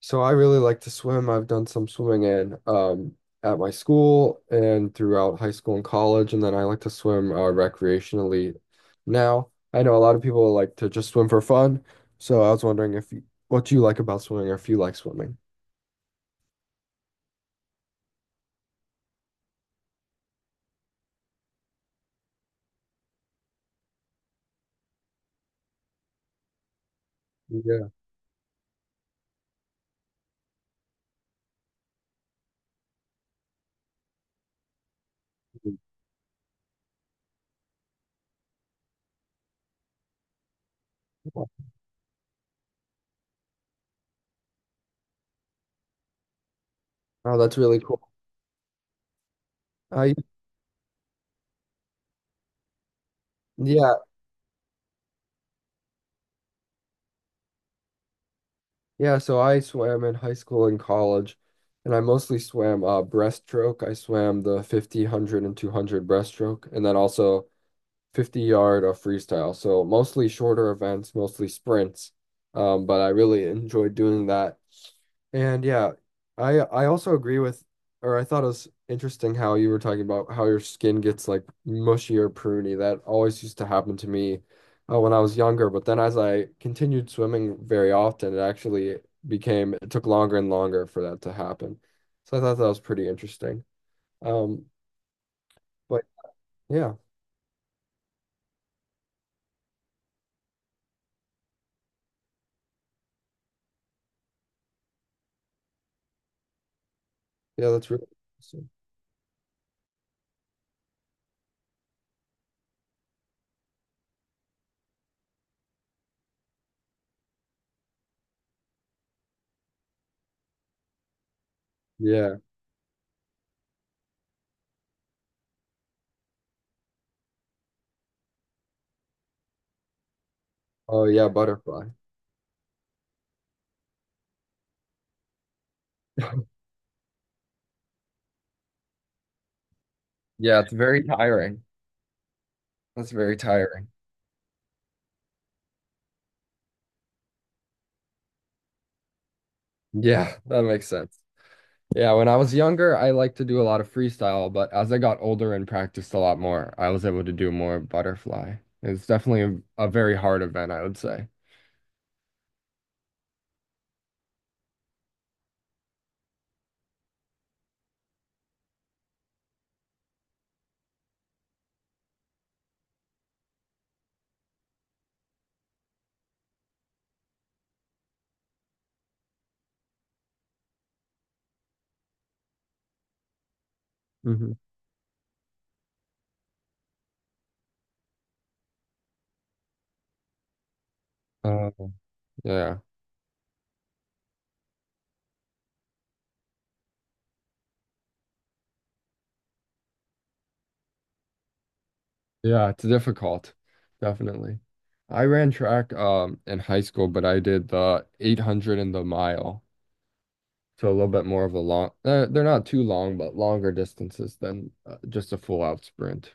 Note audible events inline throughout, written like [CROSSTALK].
So I really like to swim. I've done some swimming in at my school and throughout high school and college, and then I like to swim recreationally now. I know a lot of people like to just swim for fun, so I was wondering if you, what you like about swimming or if you like swimming. Yeah. Oh, that's really cool. I yeah, yeah, so I swam in high school and college, and I mostly swam breaststroke. I swam the 50, one hundred, and two hundred breaststroke, and then also 50 yard of freestyle. So mostly shorter events, mostly sprints. But I really enjoyed doing that. And yeah, I also agree or I thought it was interesting how you were talking about how your skin gets like mushy or pruny. That always used to happen to me when I was younger. But then as I continued swimming very often, it actually became, it took longer and longer for that to happen. So I thought that was pretty interesting. Um, but yeah, yeah, that's really interesting. Yeah. Oh yeah, butterfly. [LAUGHS] Yeah, it's very tiring. That's very tiring. Yeah, that makes sense. Yeah, when I was younger, I liked to do a lot of freestyle, but as I got older and practiced a lot more, I was able to do more butterfly. It's definitely a very hard event, I would say. hmm Uh, yeah, yeah, it's difficult, definitely. I ran track in high school, but I did the 800 and the mile. So a little bit more of a long, they're not too long, but longer distances than just a full out sprint.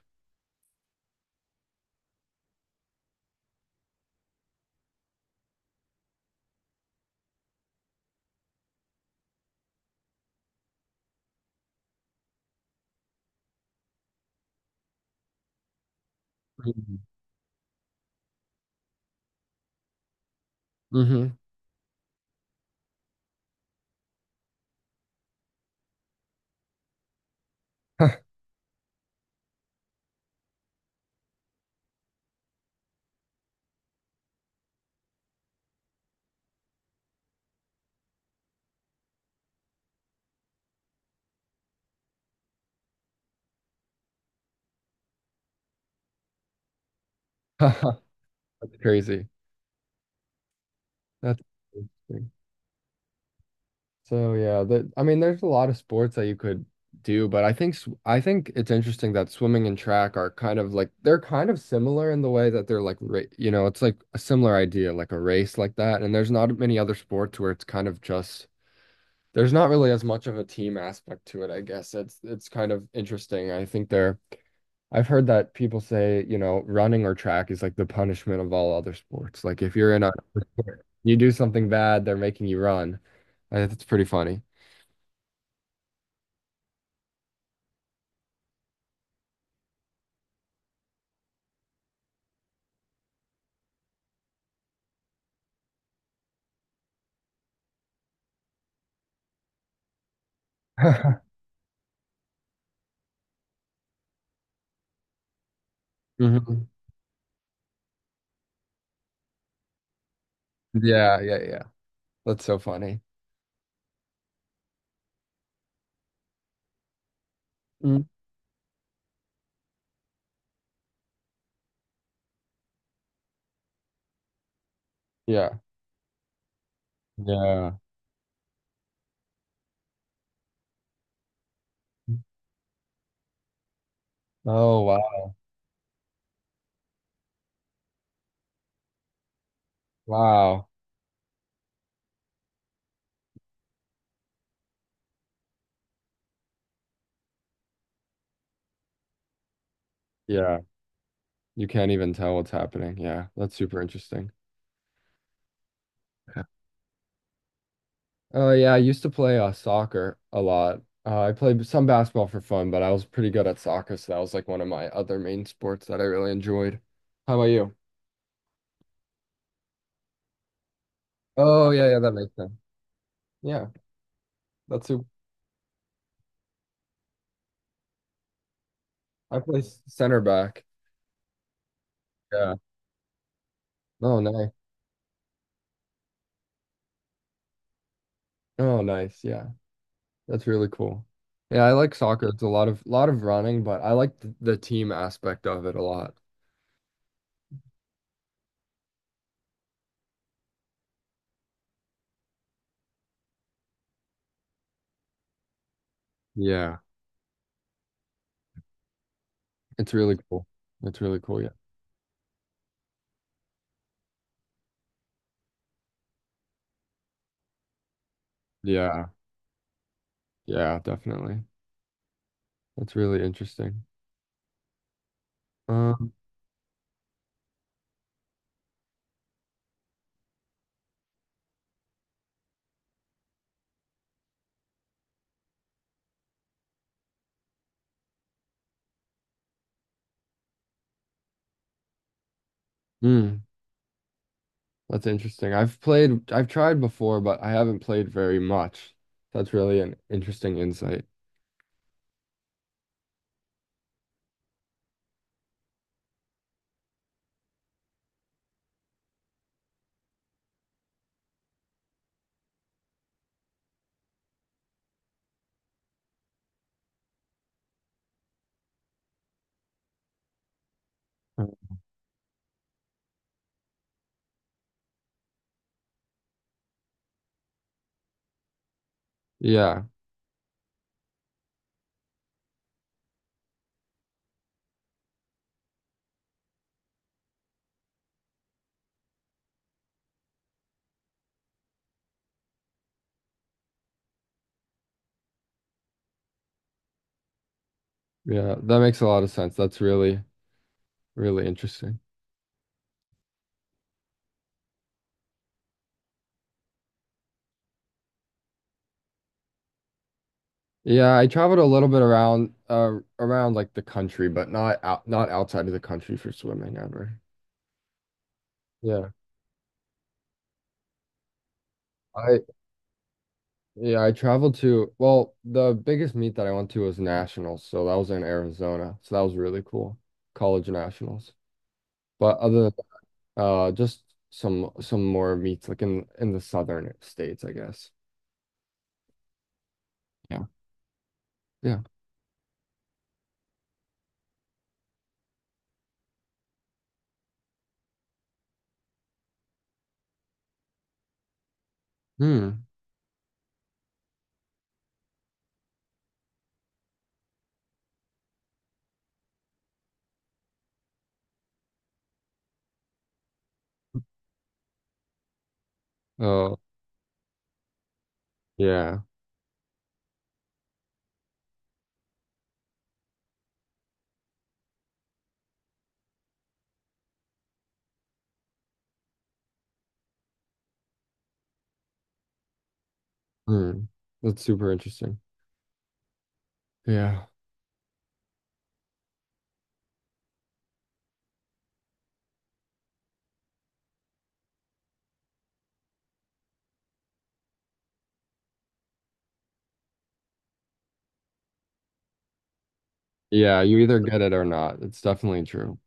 Mm-hmm. [LAUGHS] That's crazy. That's interesting. So yeah, that I mean, there's a lot of sports that you could do, but I think I think it's interesting that swimming and track are kind of like they're kind of similar in the way that they're like it's like a similar idea, like a race like that. And there's not many other sports where it's kind of just there's not really as much of a team aspect to it, I guess. It's kind of interesting. I think they're I've heard that people say, running or track is like the punishment of all other sports. Like if you're in a [LAUGHS] you do something bad, they're making you run. I think that's pretty funny. [LAUGHS] hmm Yeah, yeah, yeah. That's so funny. Mm. Yeah. Yeah. Oh, wow. Wow. Yeah. You can't even tell what's happening. Yeah. That's super interesting. Oh yeah, I used to play soccer a lot. I played some basketball for fun, but I was pretty good at soccer, so that was like one of my other main sports that I really enjoyed. How about you? Oh yeah, yeah, that makes sense. Yeah, that's who I play center back. Yeah. Oh nice. Oh nice. Yeah, that's really cool. Yeah, I like soccer. It's a lot of running, but I like the team aspect of it a lot. Yeah, it's really cool. It's really cool. Yeah. Yeah. Yeah, definitely. That's really interesting. Um, mm, That's interesting. I've played, I've tried before, but I haven't played very much. That's really an interesting insight. Mm. Yeah, yeah, that makes a lot of sense. That's really, really interesting. Yeah, I traveled a little bit around, around like the country, but not out, not outside of the country for swimming ever. Yeah. I, yeah, I traveled to, well, the biggest meet that I went to was nationals, so that was in Arizona. So that was really cool. College nationals. But other Just some more meats like in the southern states, I guess. Yeah. Yeah. Hmm. Oh, yeah. Hmm. That's super interesting. Yeah. Yeah, you either get it or not. It's definitely true.